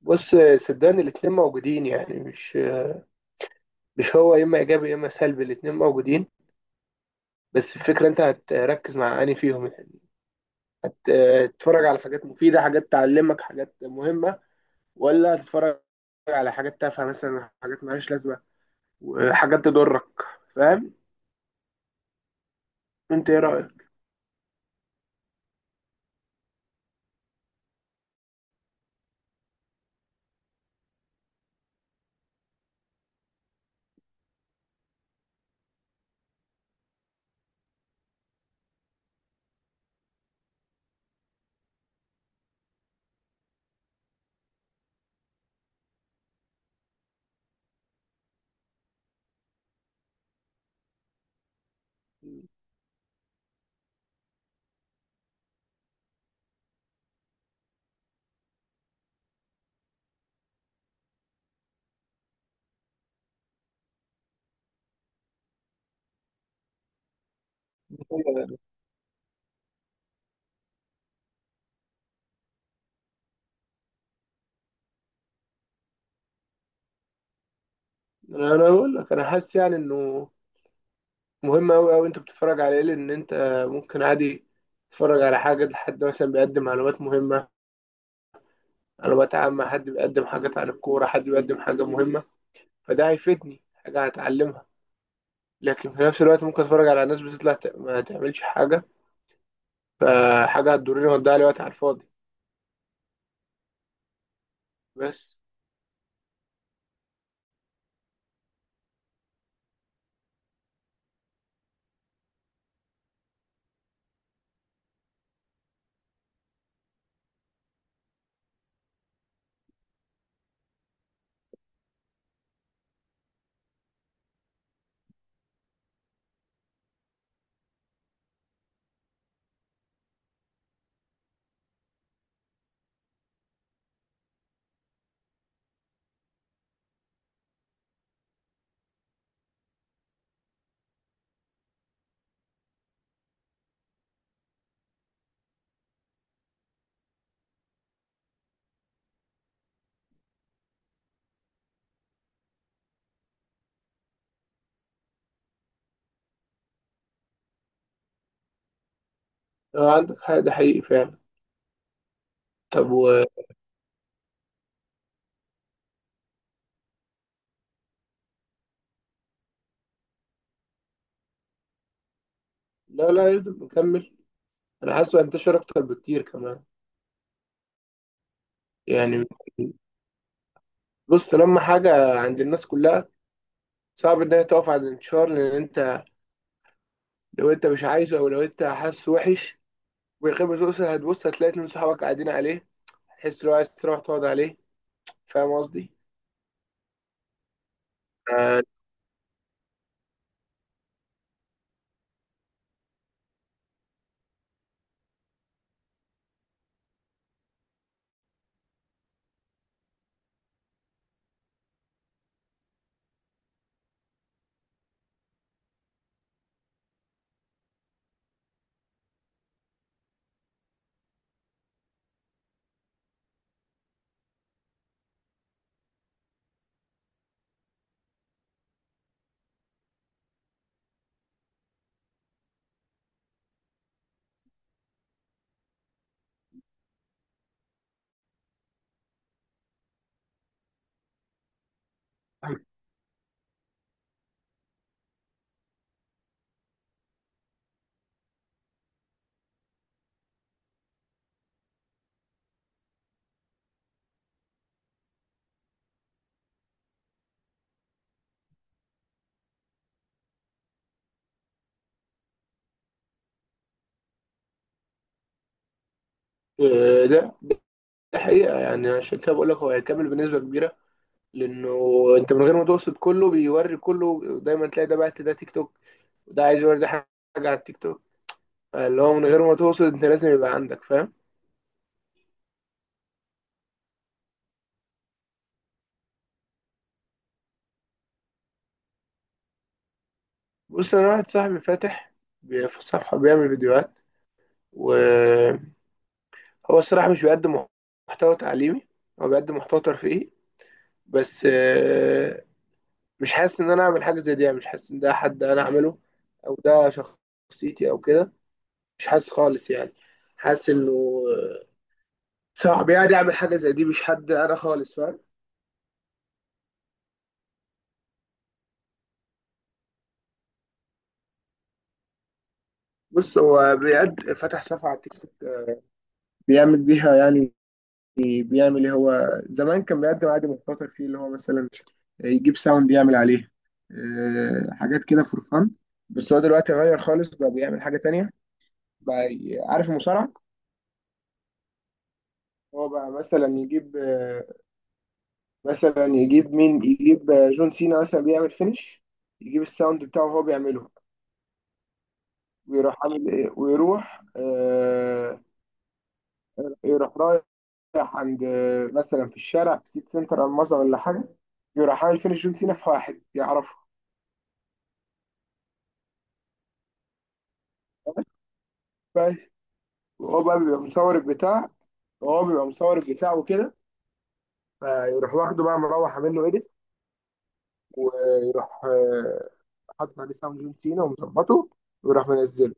بص، صدقني الاتنين موجودين. يعني مش هو يا اما ايجابي يا اما سلبي، الاتنين موجودين. بس الفكره انت هتركز مع انهي فيهم يعني. هتتفرج على حاجات مفيده، حاجات تعلمك، حاجات مهمه، ولا هتتفرج على حاجات تافهه مثلا، حاجات مالهاش لازمه وحاجات تضرك؟ فاهم؟ انت ايه رايك؟ أنا بقول لك انا حاسس يعني انه مهم قوي قوي انت بتتفرج على ايه، لان انت ممكن عادي تتفرج على حاجه، لحد مثلا بيقدم معلومات مهمه، انا بتعامل مع حد بيقدم حاجات عن الكوره، حد بيقدم حاجه مهمه، فده هيفيدني، حاجه هتعلمها. لكن في نفس الوقت ممكن اتفرج على ناس بتطلع ما تعملش حاجه، فحاجه هتضرني وهتضيع لي وقت على الفاضي. بس. لو عندك حق، ده حقيقي فعلا. طب لا لا، يفضل مكمل. انا حاسه انتشر اكتر بكتير كمان. يعني بص، لما حاجه عند الناس كلها، صعب ان هي تقف عند الانتشار. لان انت لو انت مش عايزه، او لو انت حاسه وحش ويخيب ذوقك، هتبص هتلاقي اتنين صحابك قاعدين عليه، هتحس ان هو عايز تروح تقعد عليه. فاهم قصدي؟ آه، آه، ده ده حقيقة، يعني عشان كده بقول لك هو هيكمل بنسبة كبيرة. لأنه أنت من غير ما تقصد كله بيوري، كله دايما تلاقي ده بعت ده تيك توك، وده عايز يوري ده حاجة على التيك توك. اللي هو من غير ما تقصد أنت لازم يبقى عندك. فاهم؟ بص، أنا واحد صاحبي فاتح في صفحة بيعمل فيديوهات، وهو الصراحة مش بيقدم محتوى تعليمي، هو بيقدم محتوى ترفيهي. بس مش حاسس ان انا اعمل حاجه زي دي، يعني مش حاسس ان ده حد انا اعمله، او ده شخصيتي او كده. مش حاسس خالص يعني. حاسس انه صعب يعني اعمل حاجه زي دي، مش حد انا خالص. فاهم؟ بص هو بيقد فتح صفحه على تيك توك، بيعمل بيها يعني، بيعمل ايه هو. زمان كان بيقدم عادي مخاطر فيه، اللي هو مثلا يجيب ساوند يعمل عليه، حاجات كده فور فن. بس هو دلوقتي غير خالص، بقى بيعمل حاجه تانية بقى. عارف المصارعه؟ هو بقى مثلا يجيب مثلا يجيب مين، يجيب جون سينا مثلا بيعمل فينش، يجيب الساوند بتاعه وهو بيعمله، ويروح عامل ايه، ويروح يروح رايح عند مثلا في الشارع، في سيت سنتر او مصر ولا حاجه، يروح عامل فينش جون سينا في واحد يعرفه. بس. وهو بقى بيبقى مصور البتاع، وكده فيروح واخده بقى، مروح عامل له ايديت، ويروح حاطط عليه ساوند جون سينا ومظبطه، ويروح منزله.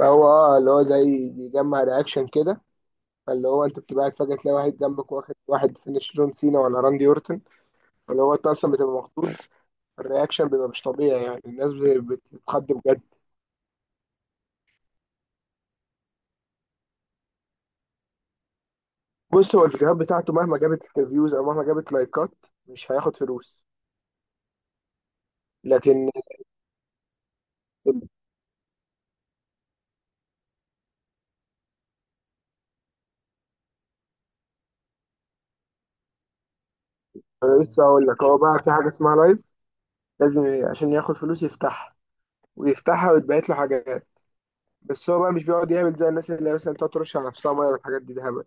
هو اه، اللي هو زي بيجمع رياكشن كده. فاللي هو انت بتبقى قاعد فجأة تلاقي واحد جنبك واخد واحد فينش جون سينا ولا راندي اورتن. فاللي هو انت اصلا بتبقى مخضوض، الرياكشن بيبقى مش طبيعي، يعني الناس بتتخض بجد. بص، هو الفيديوهات بتاعته مهما جابت فيوز او مهما جابت لايكات، مش هياخد فلوس. لكن انا لسه هقول لك، هو بقى في حاجة اسمها لايف، لازم عشان ياخد فلوس يفتحها، ويفتحها ويتبعت له حاجات. بس هو بقى مش بيقعد يعمل زي الناس اللي مثلا تقعد ترش على نفسها ميه والحاجات دي، ده هبل.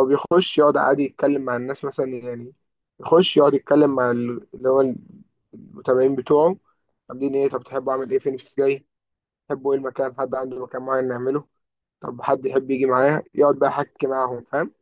هو بيخش يقعد عادي يتكلم مع الناس مثلا، يعني يخش يقعد يتكلم مع اللي هو المتابعين بتوعه: عاملين ايه، طب تحبوا اعمل ايه، فين جاي، تحبوا ايه المكان، حد عنده مكان معين نعمله، طب حد يحب يجي معايا، يقعد بقى يحكي معاهم. فاهم؟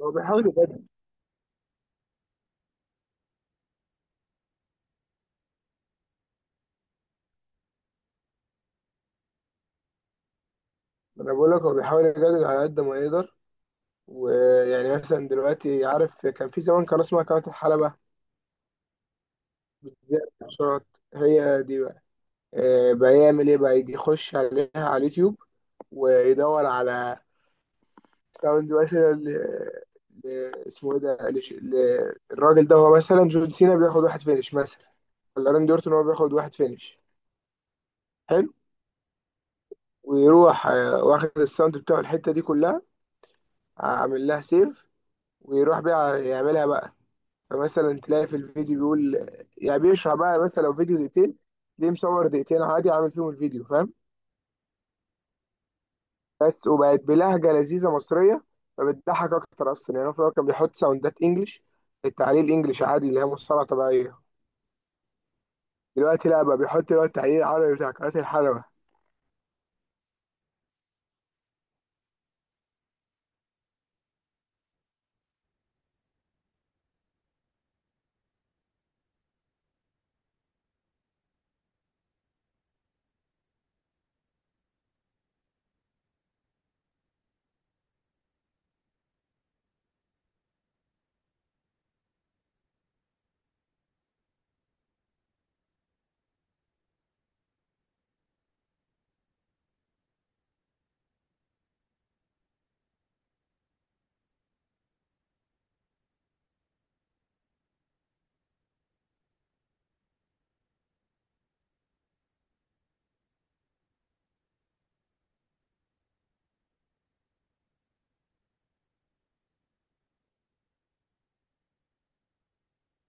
هو بيحاول يجدد انا بقول لك هو بيحاول يجدد على قد ما يقدر. ويعني مثلا دلوقتي عارف، كان في زمان كان اسمها قناة الحلبة، بتذيع ماتشات، هي دي بقى. بقى يعمل ايه، بقى يجي يخش عليها على اليوتيوب، ويدور على، لو دلوقتي ل... اسمه ايه ده، الراجل ده هو مثلا جون سينا بياخد واحد فينش، مثلا ولا راندي اورتون، هو بياخد واحد فينش، حلو، ويروح واخد الساوند بتاعه الحته دي كلها، عامل لها سيف، ويروح بقى يعملها بقى. فمثلا تلاقي في الفيديو بيقول، يعني بيشرح بقى، مثلا لو فيديو 2 دقيقتين، ليه مصور 2 دقيقتين عادي، عامل فيهم الفيديو. فاهم؟ بس وبقت بلهجه لذيذه مصريه، فبتضحك اكتر اصلا. يعني هو في الأول كان بيحط ساوندات انجلش، التعليق الانجليش عادي اللي هي مصطلح طبيعيه. دلوقتي لا، بقى بيحط اللي هو التحليل العربي بتاع قناة الحلبة.